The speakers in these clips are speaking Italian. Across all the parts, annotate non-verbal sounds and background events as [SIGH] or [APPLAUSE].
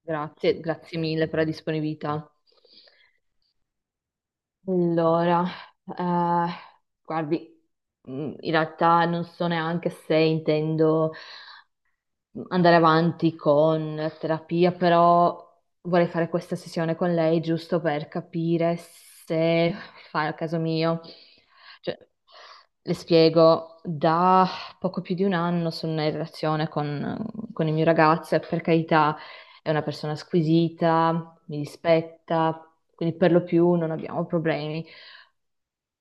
Grazie, grazie mille per la disponibilità. Allora, eh, guardi, in realtà non so neanche se intendo andare avanti con terapia, però vorrei fare questa sessione con lei giusto per capire se fa il caso mio. Cioè, le spiego, da poco più di un anno sono in relazione con il mio ragazzo, e per carità è una persona squisita, mi rispetta, quindi per lo più non abbiamo problemi.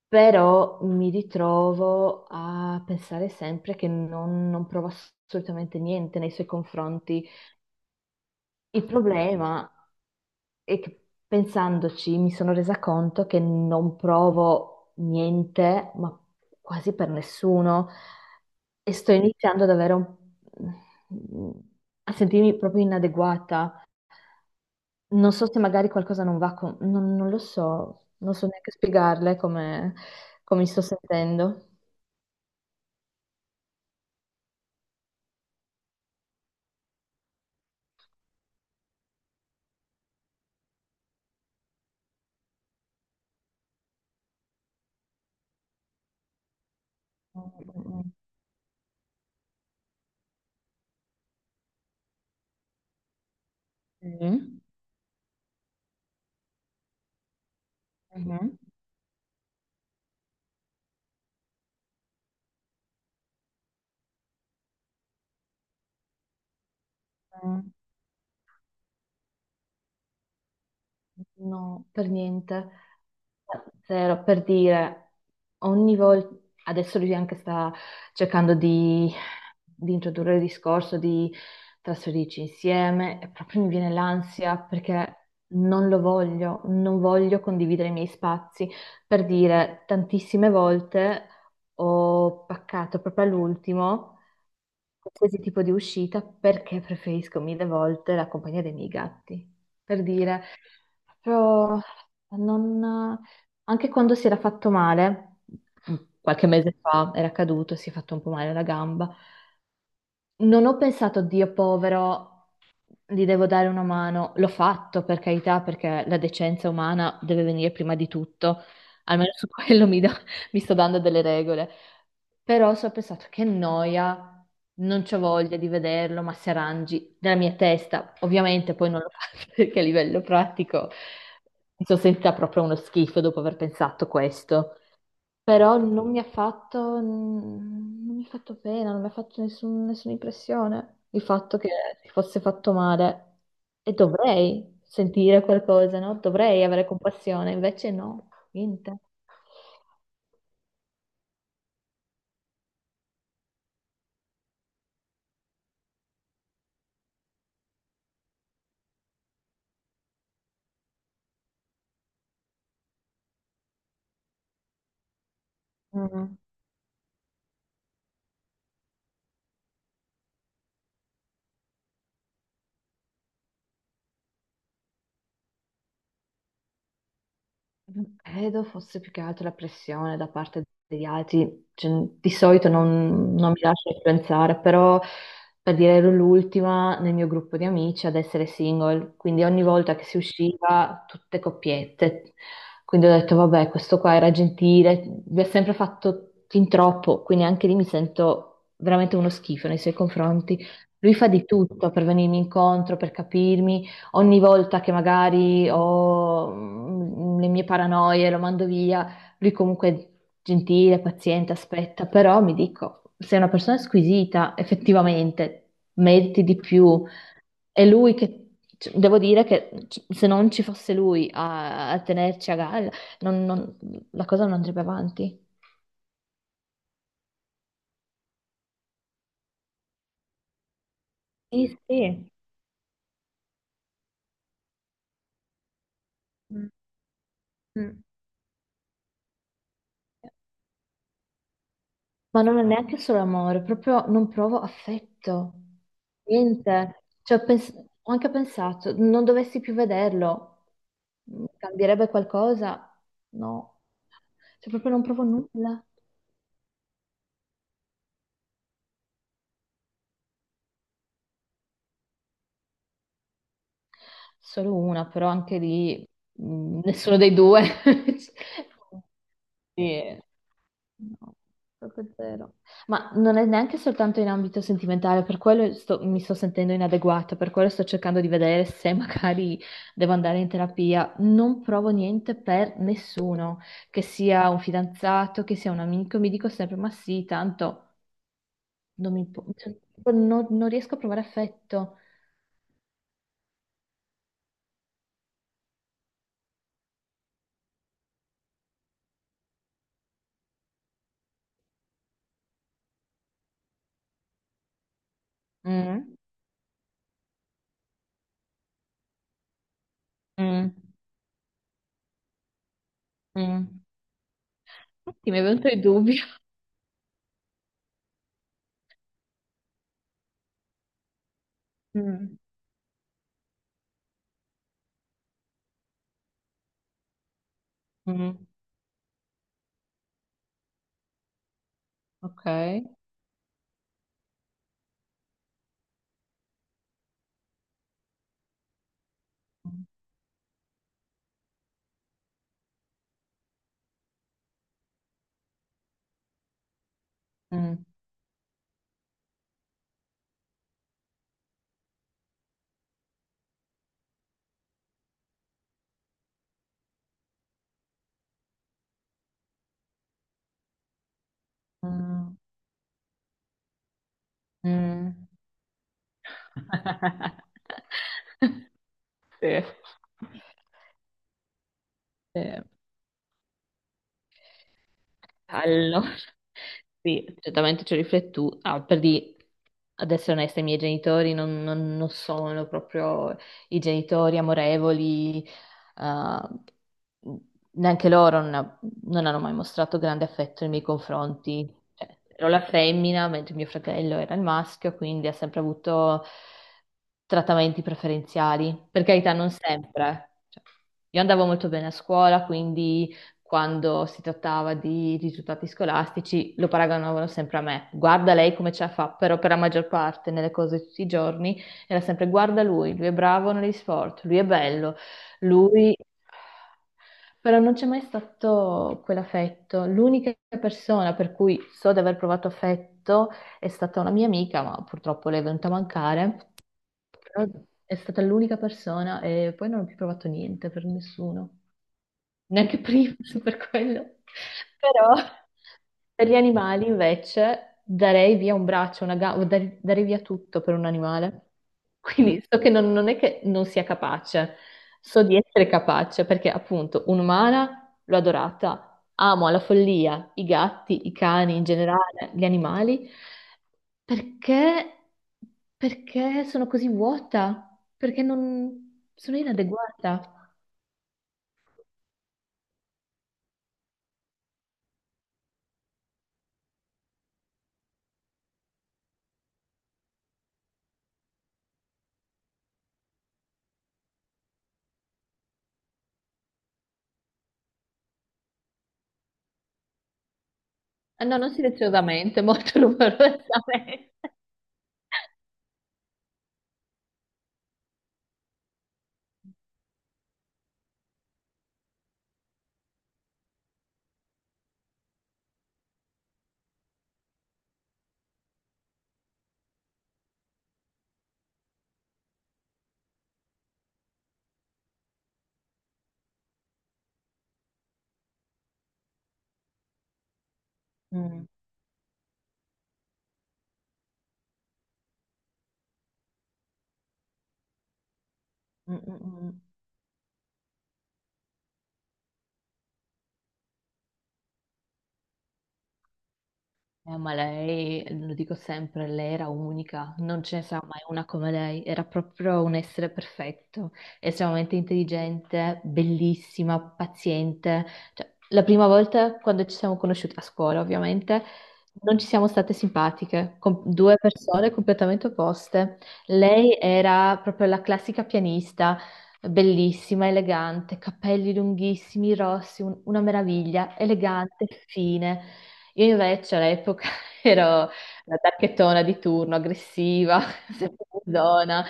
Però mi ritrovo a pensare sempre che non prova assolutamente niente nei suoi confronti. Il problema è che pensandoci mi sono resa conto che non provo niente, ma quasi per nessuno, e sto iniziando a sentirmi proprio inadeguata. Non so se magari qualcosa non va. Non lo so, non so neanche spiegarle come mi sto sentendo. Mm, mm, mm. Mm, mhm. Mm, no, per niente. Zero, per dire, ogni volta, adesso lui anche sta cercando di introdurre il discorso di trasferirci insieme, e proprio mi viene l'ansia perché non lo voglio, non voglio condividere i miei spazi. Per dire, tantissime volte ho paccato proprio all'ultimo qualsiasi tipo di uscita perché preferisco mille volte la compagnia dei miei gatti. Per dire, proprio non- anche quando si era fatto male, mm, qualche mese fa era caduto, si è fatto un po' male alla gamba, non ho pensato, Dio povero, gli devo dare una mano. L'ho fatto per carità, perché la decenza umana deve venire prima di tutto. Almeno su [LAUGHS] quello mi sto dando delle regole. Però ho pensato, che noia, non c'ho voglia di vederlo, ma se arrangi nella mia testa. Ovviamente poi non lo faccio [LAUGHS] perché a livello pratico mi sono sentita proprio uno schifo dopo aver pensato questo, però non mi ha fatto pena, non mi ha fatto nessuna impressione il fatto che si fosse fatto male. E dovrei sentire qualcosa, no? Dovrei avere compassione, invece no, niente. Mm. Credo fosse più che altro la pressione da parte degli altri. Cioè, di solito non mi lascio influenzare, però per dire ero l'ultima nel mio gruppo di amici ad essere single, quindi ogni volta che si usciva tutte coppiette, quindi ho detto vabbè, questo qua era gentile, mi ha sempre fatto fin troppo, quindi anche lì mi sento veramente uno schifo nei suoi confronti. Lui fa di tutto per venirmi incontro, per capirmi ogni volta che magari ho le mie paranoie, lo mando via, lui comunque è gentile, paziente, aspetta, però mi dico, sei una persona squisita, effettivamente, meriti di più. È lui che, devo dire che, se non ci fosse lui a tenerci a galla, non- non- la cosa non andrebbe avanti. Sì, sì. Mm, mm. Ma non è neanche solo amore, proprio non provo affetto, niente. Cioè, ho anche pensato, non dovessi più vederlo, cambierebbe qualcosa? No, cioè proprio non provo nulla. Solo una, però anche lì nessuno dei due. [LAUGHS] Sì. No, proprio zero. Ma non è neanche soltanto in ambito sentimentale, per quello mi sto sentendo inadeguata, per quello sto cercando di vedere se magari devo andare in terapia. Non provo niente per nessuno, che sia un fidanzato, che sia un amico, mi dico sempre, ma sì, tanto non mi impo- cioè, non riesco a provare affetto. Mm, mm, mm. Sì, mi è venuto il dubbio. Mm. Mm, ok. Mm, mm, mm. [LAUGHS] Sì. Sì. Allora, [LAUGHS] sì, certamente ci ho riflettuto. Ah, ad essere onesta, i miei genitori non sono proprio i genitori amorevoli, neanche loro non hanno mai mostrato grande affetto nei miei confronti. Cioè, ero la femmina, mentre mio fratello era il maschio, quindi ha sempre avuto trattamenti preferenziali. Per carità, non sempre. Cioè, io andavo molto bene a scuola, quindi quando si trattava di risultati scolastici lo paragonavano sempre a me. Guarda lei come ce la fa, però per la maggior parte, nelle cose di tutti i giorni, era sempre guarda lui, lui è bravo negli sport, lui è bello, lui... Però non c'è mai stato quell'affetto. L'unica persona per cui so di aver provato affetto è stata una mia amica, ma purtroppo lei è venuta a mancare. Però è stata l'unica persona, e poi non ho più provato niente per nessuno neanche prima [LAUGHS] per quello. Però per gli animali invece darei via un braccio, una gamba, darei via tutto per un animale. Quindi so che non è che non sia capace, so di essere capace perché appunto un'umana l'ho adorata, amo alla follia i gatti, i cani in generale, gli animali. Perché, perché, sono così vuota, perché non sono inadeguata. No, non silenziosamente, molto [LAUGHS] rumorosamente. Mm, mm, mm, mm. Ma lei, lo dico sempre, lei era unica, non ce ne sarà mai una come lei, era proprio un essere perfetto, estremamente intelligente, bellissima, paziente. Cioè, la prima volta quando ci siamo conosciute a scuola, ovviamente, non ci siamo state simpatiche, con due persone completamente opposte. Lei era proprio la classica pianista, bellissima, elegante, capelli lunghissimi, rossi, una meraviglia, elegante, fine. Io invece all'epoca [LAUGHS] ero la tacchettona di turno, aggressiva, [LAUGHS] sempre in zona.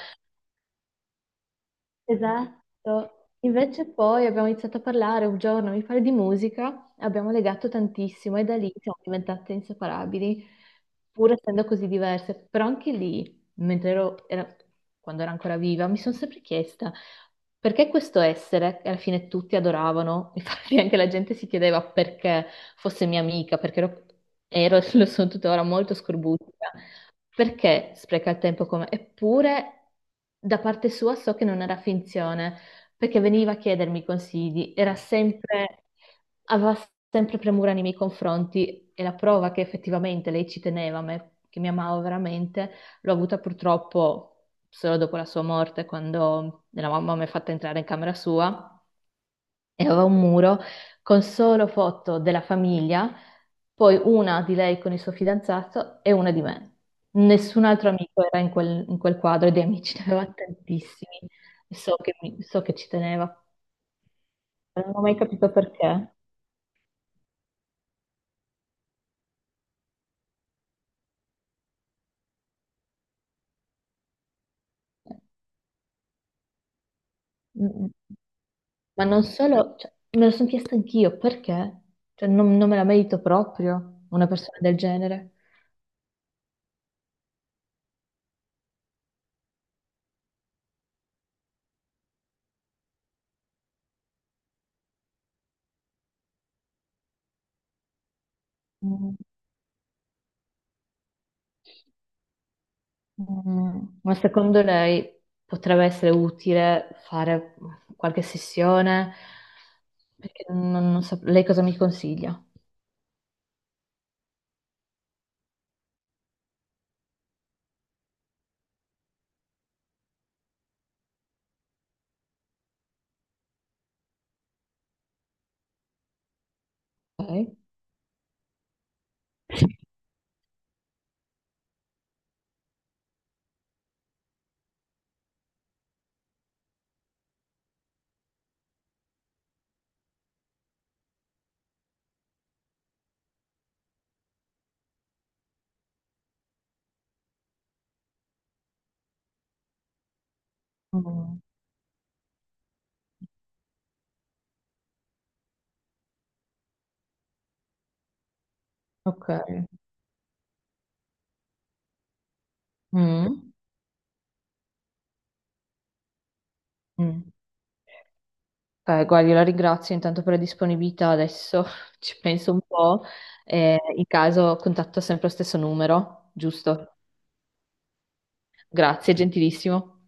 Esatto. Invece poi abbiamo iniziato a parlare un giorno, mi pare, di musica, e abbiamo legato tantissimo, e da lì siamo diventate inseparabili, pur essendo così diverse. Però anche lì, quando ero ancora viva, mi sono sempre chiesta perché questo essere, che alla fine tutti adoravano, [LAUGHS] infatti anche la gente si chiedeva perché fosse mia amica, perché ero e lo sono tuttora molto scorbutica, perché spreca il tempo come... Eppure, da parte sua so che non era finzione, perché veniva a chiedermi consigli, aveva sempre premura nei miei confronti, e la prova che effettivamente lei ci teneva a me, che mi amava veramente, l'ho avuta purtroppo solo dopo la sua morte, quando la mamma mi ha fatta entrare in camera sua e aveva un muro con solo foto della famiglia, poi una di lei con il suo fidanzato e una di me. Nessun altro amico era in quel quadro, e di amici ne aveva tantissimi. So che ci teneva, però non ho mai capito perché. Mm. Ma non solo, cioè, me lo sono chiesto anch'io, perché? Cioè, non me la merito proprio una persona del genere. Mm. Ma secondo lei potrebbe essere utile fare qualche sessione? Perché non so, lei cosa mi consiglia? Ok. Mm, ok. Mm, mm. Beh, guardi, la ringrazio intanto per la disponibilità. Adesso [LAUGHS] ci penso un po' e in caso contatto sempre lo stesso numero, giusto? Grazie, gentilissimo.